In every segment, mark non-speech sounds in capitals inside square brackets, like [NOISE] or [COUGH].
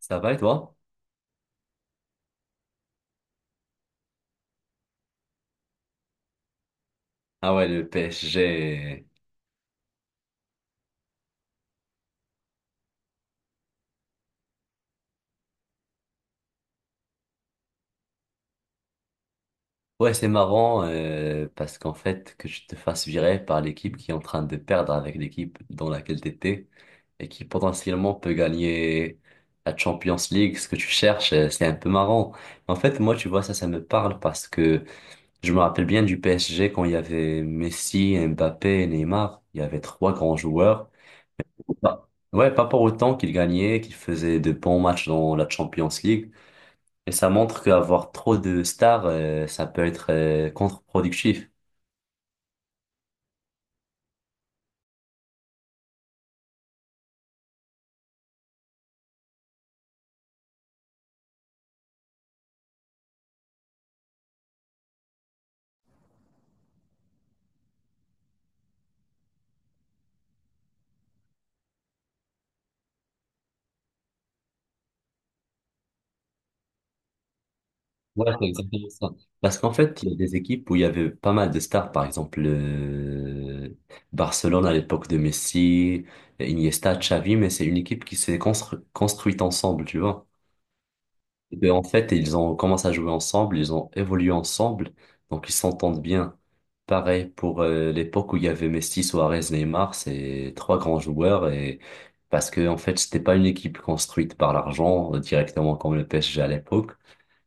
Ça va et toi? Ah ouais, le PSG. Ouais, c'est marrant parce qu'en fait, que tu te fasses virer par l'équipe qui est en train de perdre avec l'équipe dans laquelle t'étais et qui potentiellement peut gagner la Champions League, ce que tu cherches, c'est un peu marrant. En fait, moi, tu vois, ça me parle parce que je me rappelle bien du PSG quand il y avait Messi, Mbappé, Neymar. Il y avait trois grands joueurs. Bah, ouais, pas pour autant qu'ils gagnaient, qu'ils faisaient de bons matchs dans la Champions League. Et ça montre qu'avoir trop de stars, ça peut être contre-productif. Ouais, c'est exactement ça. Parce qu'en fait, il y a des équipes où il y avait pas mal de stars, par exemple Barcelone à l'époque de Messi, Iniesta, Xavi, mais c'est une équipe qui s'est construite ensemble, tu vois. Et ben, en fait, ils ont commencé à jouer ensemble, ils ont évolué ensemble, donc ils s'entendent bien. Pareil pour l'époque où il y avait Messi, Suarez, Neymar, c'est trois grands joueurs et parce que en fait, c'était pas une équipe construite par l'argent directement comme le PSG à l'époque.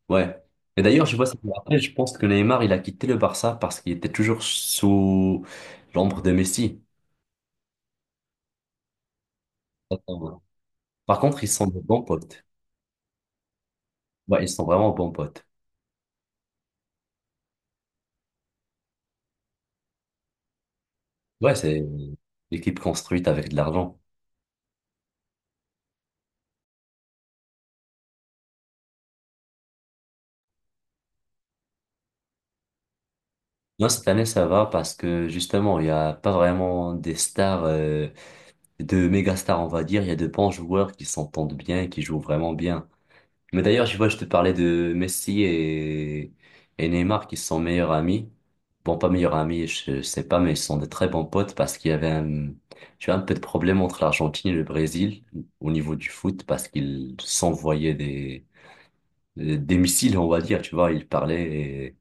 Ouais. Et d'ailleurs, je vois ça me rappelle, je pense que Neymar, il a quitté le Barça parce qu'il était toujours sous l'ombre de Messi. Attends. Par contre, ils sont de bons potes. Ouais, ils sont vraiment bons potes. Ouais, c'est l'équipe construite avec de l'argent. Non, cette année, ça va parce que justement, il n'y a pas vraiment des stars, de méga stars, on va dire. Il y a de bons joueurs qui s'entendent bien, et qui jouent vraiment bien. Mais d'ailleurs, je vois, je te parlais de Messi et Neymar qui sont meilleurs amis. Bon, pas meilleurs amis, je sais pas, mais ils sont de très bons potes parce qu'il y avait un, tu vois, un peu de problème entre l'Argentine et le Brésil au niveau du foot parce qu'ils s'envoyaient des missiles, on va dire, tu vois, ils parlaient. Et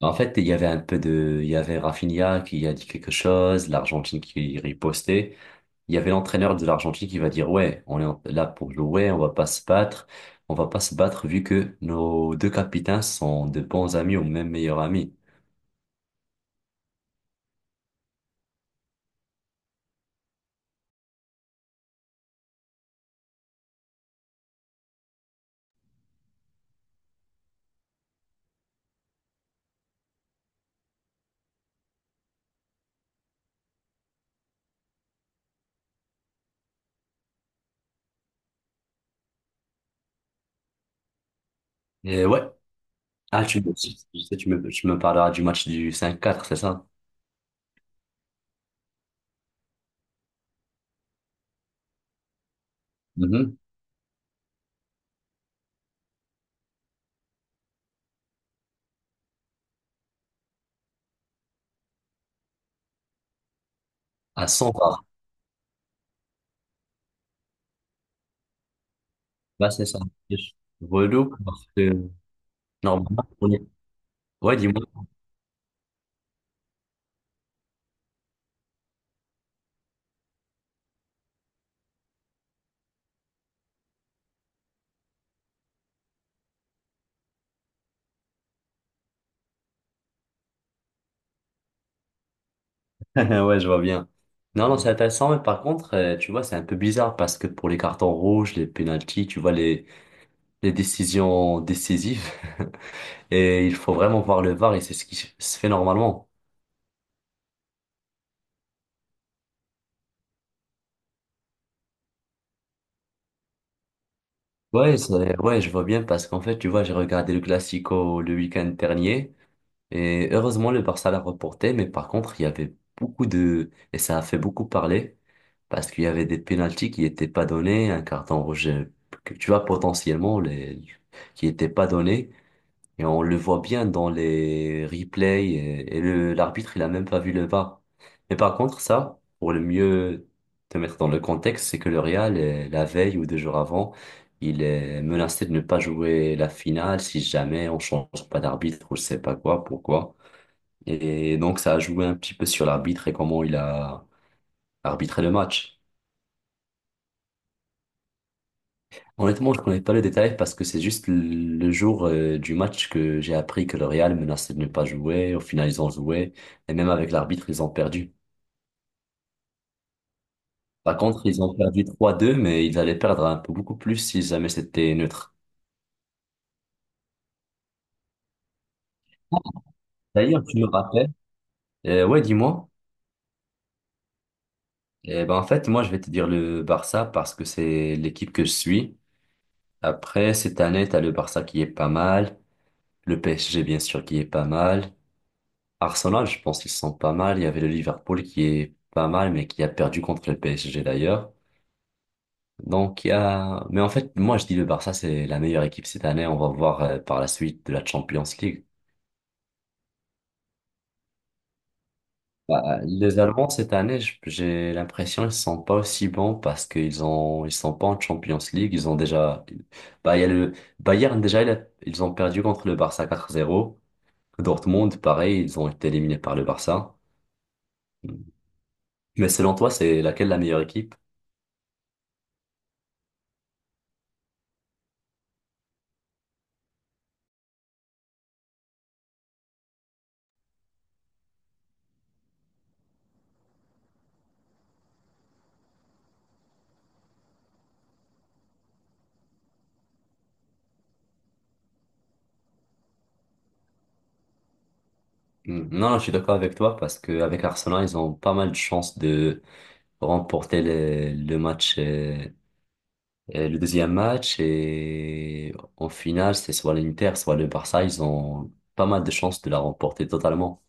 en fait, il y avait un peu de, il y avait Rafinha qui a dit quelque chose, l'Argentine qui ripostait. Il y avait l'entraîneur de l'Argentine qui va dire, ouais, on est là pour jouer, on va pas se battre, on va pas se battre vu que nos deux capitaines sont de bons amis ou même meilleurs amis. Et ouais. Ah, tu, je sais, tu me parleras du match du 5-4, c'est ça? Mhm. À 100 bars. Là, c'est ça. Relou parce que, normalement, on est, ouais, dis-moi. [LAUGHS] Ouais, je vois bien. Non, non, c'est intéressant, mais par contre, tu vois, c'est un peu bizarre parce que pour les cartons rouges, les pénaltys, tu vois, les décisions décisives, [LAUGHS] et il faut vraiment voir le VAR et c'est ce qui se fait normalement. Ouais, ouais, je vois bien parce qu'en fait, tu vois, j'ai regardé le Classico le week-end dernier et heureusement, le Barça l'a reporté, mais par contre, il y avait beaucoup de, et ça a fait beaucoup parler parce qu'il y avait des pénaltys qui n'étaient pas donnés, un carton rouge, que tu vois, potentiellement, les, qui n'étaient pas donnés. Et on le voit bien dans les replays et le, l'arbitre, il a même pas vu le VAR. Mais par contre, ça, pour le mieux te mettre dans le contexte, c'est que le Real, la veille ou deux jours avant, il est menacé de ne pas jouer la finale si jamais on change pas d'arbitre ou je sais pas quoi, pourquoi. Et donc, ça a joué un petit peu sur l'arbitre et comment il a arbitré le match. Honnêtement, je connais pas le détail parce que c'est juste le jour du match que j'ai appris que le Real menaçait de ne pas jouer. Au final, ils ont joué. Et même avec l'arbitre, ils ont perdu. Par contre, ils ont perdu 3-2, mais ils allaient perdre un peu beaucoup plus si jamais c'était neutre. D'ailleurs, tu me rappelles? Ouais, dis-moi. Eh ben, en fait, moi, je vais te dire le Barça parce que c'est l'équipe que je suis. Après, cette année, t'as le Barça qui est pas mal. Le PSG, bien sûr, qui est pas mal. Arsenal, je pense qu'ils sont pas mal. Il y avait le Liverpool qui est pas mal, mais qui a perdu contre le PSG d'ailleurs. Donc il y a... Mais en fait, moi je dis le Barça, c'est la meilleure équipe cette année. On va voir par la suite de la Champions League. Bah, les Allemands cette année, j'ai l'impression ils sont pas aussi bons parce qu'ils sont pas en Champions League. Ils ont déjà... Bah, il y a le Bayern déjà, ils ont perdu contre le Barça 4-0. Dortmund, pareil, ils ont été éliminés par le Barça. Mais selon toi, c'est laquelle la meilleure équipe? Mm. Non, non, je suis d'accord avec toi parce que avec Arsenal, ils ont pas mal de chances de remporter le match, le deuxième match et en finale, c'est soit l'Inter, soit le Barça, ils ont pas mal de chances de la remporter totalement.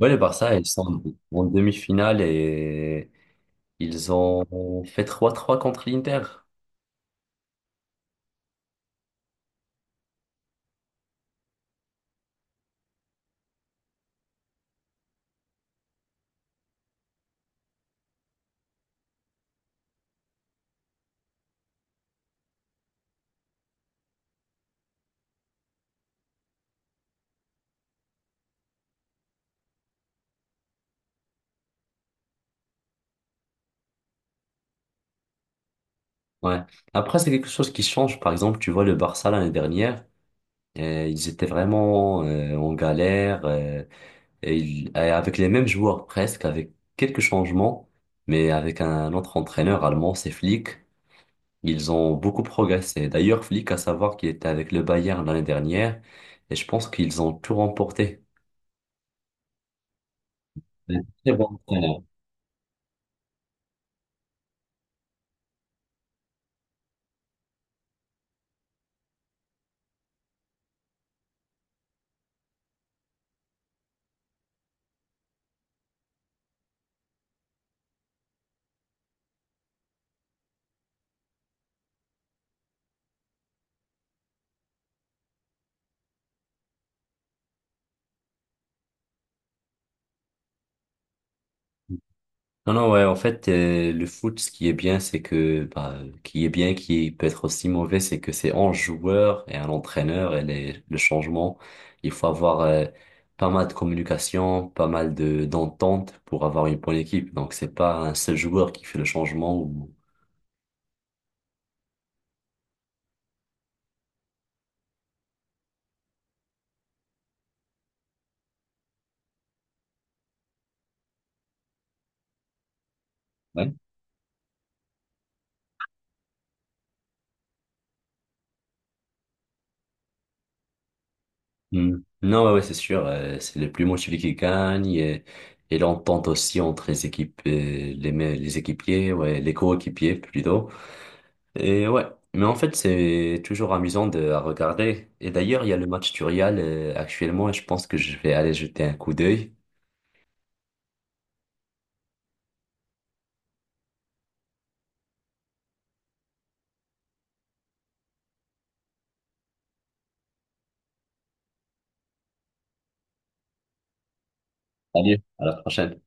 Ouais, le Barça, ils sont en demi-finale et ils ont fait trois trois contre l'Inter. Ouais. Après, c'est quelque chose qui change. Par exemple, tu vois le Barça l'année dernière, ils étaient vraiment en galère. Et et avec les mêmes joueurs presque, avec quelques changements, mais avec un autre entraîneur allemand, c'est Flick. Ils ont beaucoup progressé. D'ailleurs, Flick, à savoir qu'il était avec le Bayern l'année dernière, et je pense qu'ils ont tout remporté. Très bon entraîneur. Non, non, ouais, en fait, le foot, ce qui est bien, c'est que, bah, qui est bien, qui peut être aussi mauvais, c'est que c'est un joueur et un entraîneur et les, le changement. Il faut avoir pas mal de communication, pas mal de d'entente pour avoir une bonne équipe. Donc, c'est pas un seul joueur qui fait le changement ou... Ouais. Hmm. Non, ouais, ouais, c'est sûr, c'est le plus motivé qui gagne et l'entente aussi entre les équipes, les, les équipiers, ouais, les coéquipiers plutôt. Et ouais, mais en fait, c'est toujours amusant de, à regarder. Et d'ailleurs, il y a le match du Real actuellement et je pense que je vais aller jeter un coup d'œil. Allez, à la prochaine.